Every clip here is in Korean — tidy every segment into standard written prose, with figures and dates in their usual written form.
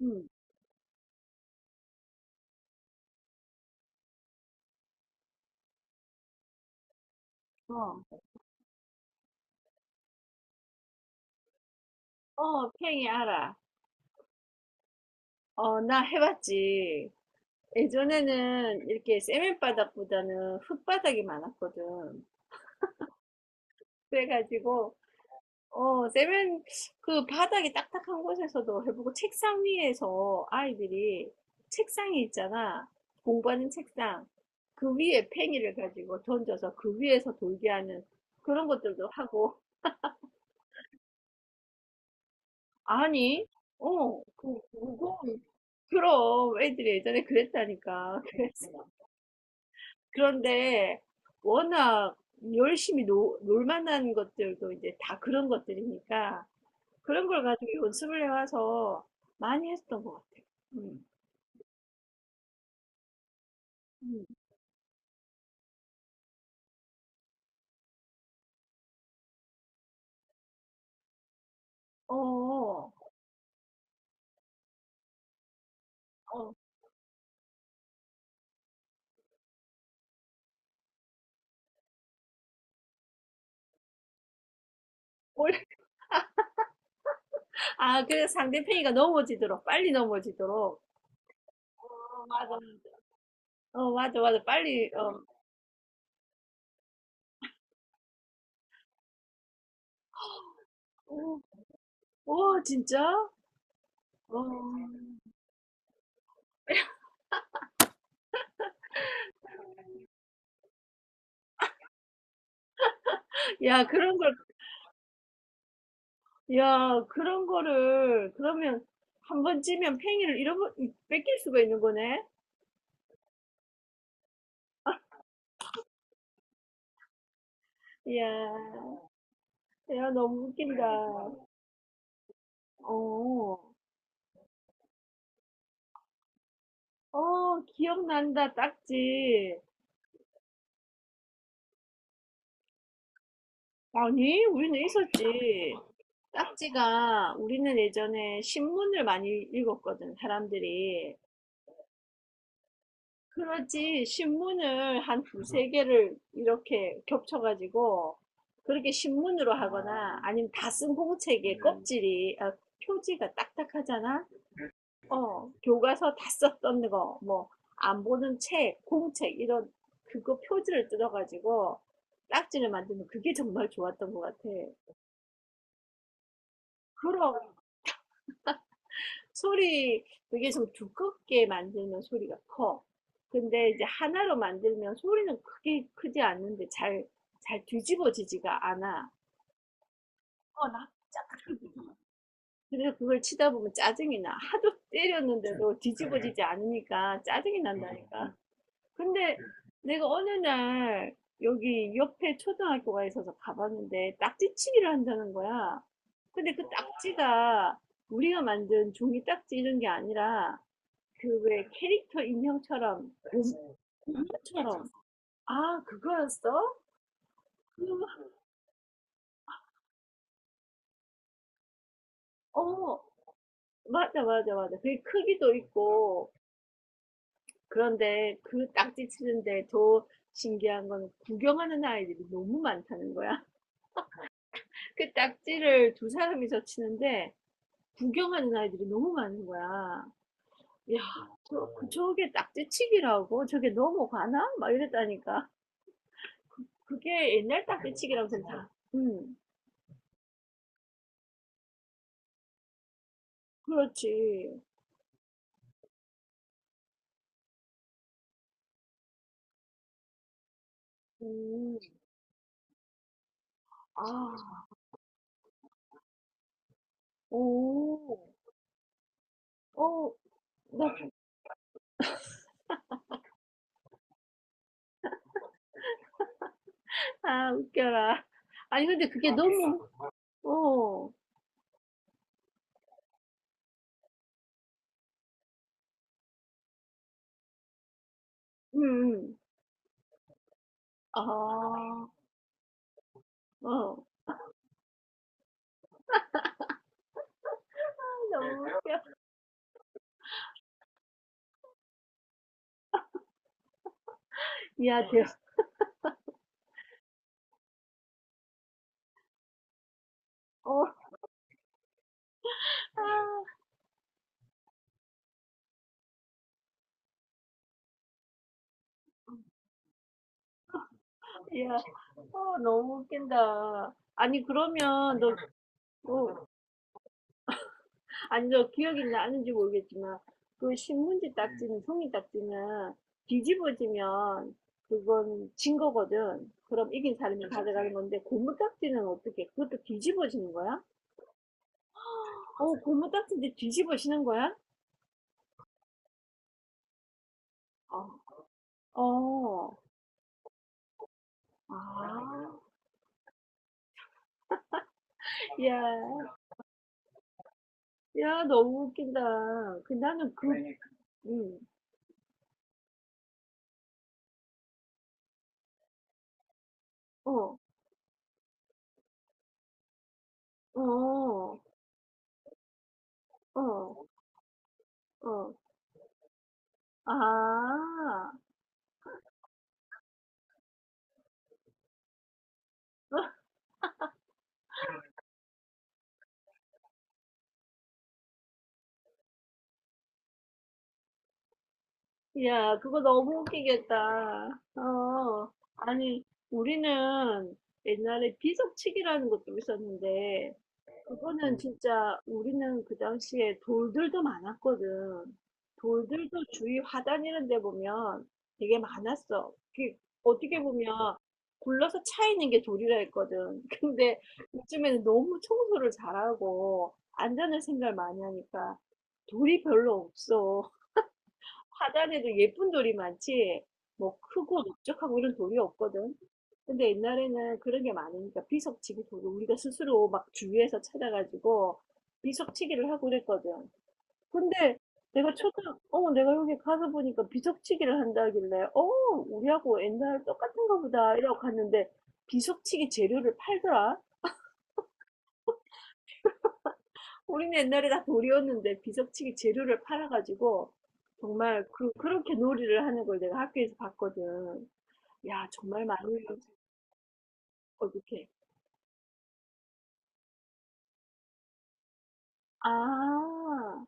응, 어, 어, 팽이 알아. 어, 나 해봤지. 예전에는 이렇게 세면바닥보다는 흙바닥이 많았거든. 그래가지고, 세면, 그 바닥이 딱딱한 곳에서도 해보고, 책상 위에서 아이들이, 책상이 있잖아. 공부하는 책상. 그 위에 팽이를 가지고 던져서 그 위에서 돌게 하는 그런 것들도 하고, 아니, 그, 무거운, 그럼 애들이 예전에 그랬다니까. 그래서 그런데 워낙 열심히 놀 만한 것들도 이제 다 그런 것들이니까 그런 걸 가지고 연습을 해와서 많이 했던 것 같아요. 음, 음. 어, 어, 어. 올- 아, 그래서 상대편이가 넘어지도록, 빨리 넘어지도록. 어, 맞아, 맞아. 어, 맞아, 맞아. 빨리, 어, 오, 오, 진짜? 어. 야, 그런 걸, 야, 그런 거를, 그러면 한 번 찌면 뺏길 수가 있는 거네? 이야, 야, 너무 웃긴다. 어, 어, 기억난다, 딱지. 아니, 우리는 있었지. 딱지가, 우리는 예전에 신문을 많이 읽었거든, 사람들이. 그렇지, 신문을 한 두세 개를 이렇게 겹쳐가지고, 그렇게 신문으로 하거나, 아니면 다 쓴 공책의 표지가 딱딱하잖아? 어, 교과서 다 썼던 거, 뭐, 안 보는 책, 공책, 이런, 그거 표지를 뜯어가지고 딱지를 만드는 그게 정말 좋았던 것 같아. 그런 소리, 그게 좀 두껍게 만들면 소리가 커. 근데 이제 하나로 만들면 소리는 크게 크지 않는데 잘, 잘 뒤집어지지가 않아. 어, 나 짝짝거리잖아. 그래서 그걸 치다 보면 짜증이 나. 하도 때렸는데도 뒤집어지지 않으니까 짜증이 난다니까. 근데 내가 어느 날 여기 옆에 초등학교가 있어서 가봤는데 딱지치기를 한다는 거야. 근데 그 딱지가 우리가 만든 종이 딱지 이런 게 아니라 그 왜 캐릭터 인형처럼 음, 고무처럼 아 그거였어? 음, 어 맞아 맞아 맞아 그게 크기도 있고 그런데 그 딱지 치는데 더 신기한 건 구경하는 아이들이 너무 많다는 거야. 그 딱지를 두 사람이서 치는데 구경하는 아이들이 너무 많은 거야. 야, 저게 딱지치기라고? 저게 넘어가나? 막 이랬다니까. 그게 옛날 딱지치기라고 생각. 응, 그렇지. 음, 아, 오, 어, 나, 아, 웃겨라. 아니, 근데 그게 아, 너무, 어, 응, 응. 아, 어, 아, 너무 웃겨. 야, 대, 어, 아, 야, 어, 너무 웃긴다. 아니, 그러면 너, 어, 아니요, 기억이 나는지 모르겠지만, 그 신문지 딱지는, 종이 딱지는 뒤집어지면 그건 진 거거든. 그럼 이긴 사람이 그 가져가는 건데, 고무 딱지는 어떻게, 그것도 뒤집어지는 거야? 어, 맞아요. 고무 딱지인데 뒤집어지는 거야? 어, 어, 아, 야, 야, 너무 웃긴다. 그 나는 그, 왜? 응, 어, 어, 어, 어, 아, 야, 그거 너무 웃기겠다. 어, 아니, 우리는 옛날에 비석치기라는 것도 있었는데, 그거는 진짜 우리는 그 당시에 돌들도 많았거든. 돌들도 주위 화단 이런 데 보면 되게 많았어. 그, 어떻게 보면 굴러서 차 있는 게 돌이라 했거든. 근데 요즘에는 너무 청소를 잘하고 안전을 생각 많이 하니까 돌이 별로 없어. 화단에도 예쁜 돌이 많지, 뭐 크고 넓적하고 이런 돌이 없거든. 근데 옛날에는 그런 게 많으니까 비석치기 돌을 우리가 스스로 막 주위에서 찾아가지고 비석치기를 하고 그랬거든. 근데 내가 초등, 어, 내가 여기 가서 보니까 비석치기를 한다길래, 어, 우리하고 옛날 똑같은가 보다 이러고 갔는데 비석치기 재료를 팔더라. 우리는 옛날에 다 돌이었는데 비석치기 재료를 팔아가지고 정말 그, 그렇게 놀이를 하는 걸 내가 학교에서 봤거든. 야, 정말 많이 어떻게 아.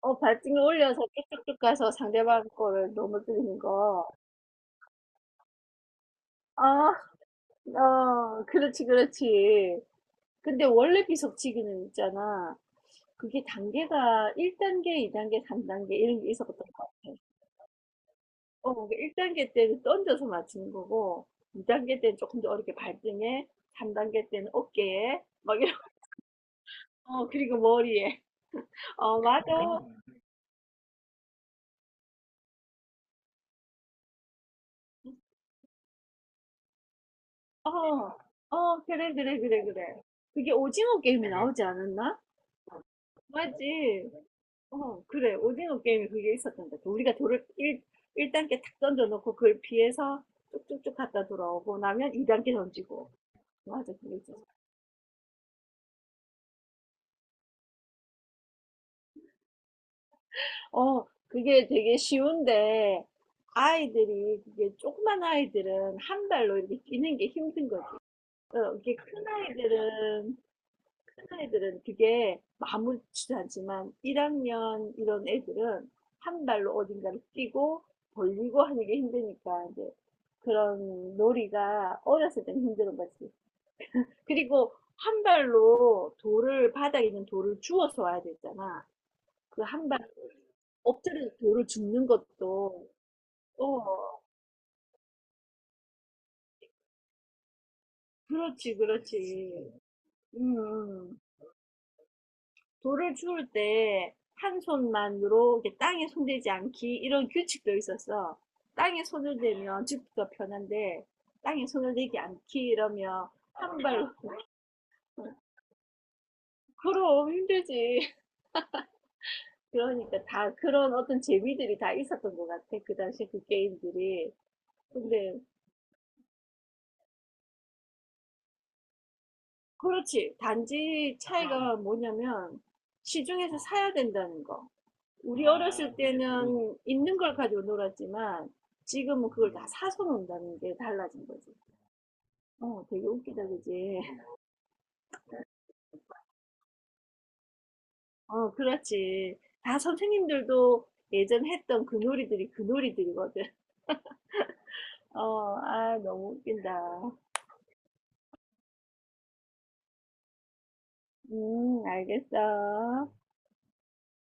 어, 발등에 올려서 쭉쭉쭉 가서 상대방 거를 넘어뜨리는 거. 아, 어, 그렇지, 그렇지. 근데 원래 비석치기는 있잖아. 그게 단계가 1단계, 2단계, 3단계 이런 게 있었던 것 같아. 어, 1단계 때는 던져서 맞추는 거고, 2단계 때는 조금 더 어렵게 발등에, 3단계 때는 어깨에, 막 이런, 어, 그리고 머리에. 어, 맞아. 어, 어, 그래, 그래, 그래, 그래. 그게 오징어 게임에 나오지 않았나? 맞지? 어, 그래. 오징어 게임에 그게 있었던 것 같아. 우리가 돌을 1, 일단계탁 던져놓고 그걸 피해서 쭉쭉쭉 갔다 돌아오고 나면 2단계 던지고. 맞아, 그게 있었어. 어, 그게 되게 쉬운데 아이들이, 그게 조그만 아이들은 한 발로 이렇게 뛰는 게 힘든 거지. 어, 이게 큰 아이들은 큰 애들은 그게 아무렇지도 않지만 1학년 이런 애들은 한 발로 어딘가를 뛰고 벌리고 하는 게 힘드니까 이제 그런 놀이가 어렸을 때는 힘든 거지. 그리고 한 발로 돌을 바닥에 있는 돌을 주워서 와야 되잖아. 그 한 발 엎드려 돌을 줍는 것도 어 그렇지 그렇지. 음. 음. 돌을 주울 때 한 손만 이렇게 땅에 손대지 않기 이런 규칙도 있었어. 땅에 손을 대면 죽기가 편한데 땅에 손을 대지 않기 이러면 한 발로 그럼 힘들지. 그러니까 다 그런 어떤 재미들이 다 있었던 것 같아. 그 당시 그 게임들이. 근데 그렇지. 단지 차이가 뭐냐면 시중에서 사야 된다는 거. 우리 어렸을 때는 있는 걸 가지고 놀았지만 지금은 그걸 다 사서 논다는 게 달라진 거지. 어, 되게 웃기다, 그지? 어, 그렇지. 다 선생님들도 예전 했던 그 놀이들이 그 놀이들이거든. 어, 아, 너무 웃긴다. 알겠어.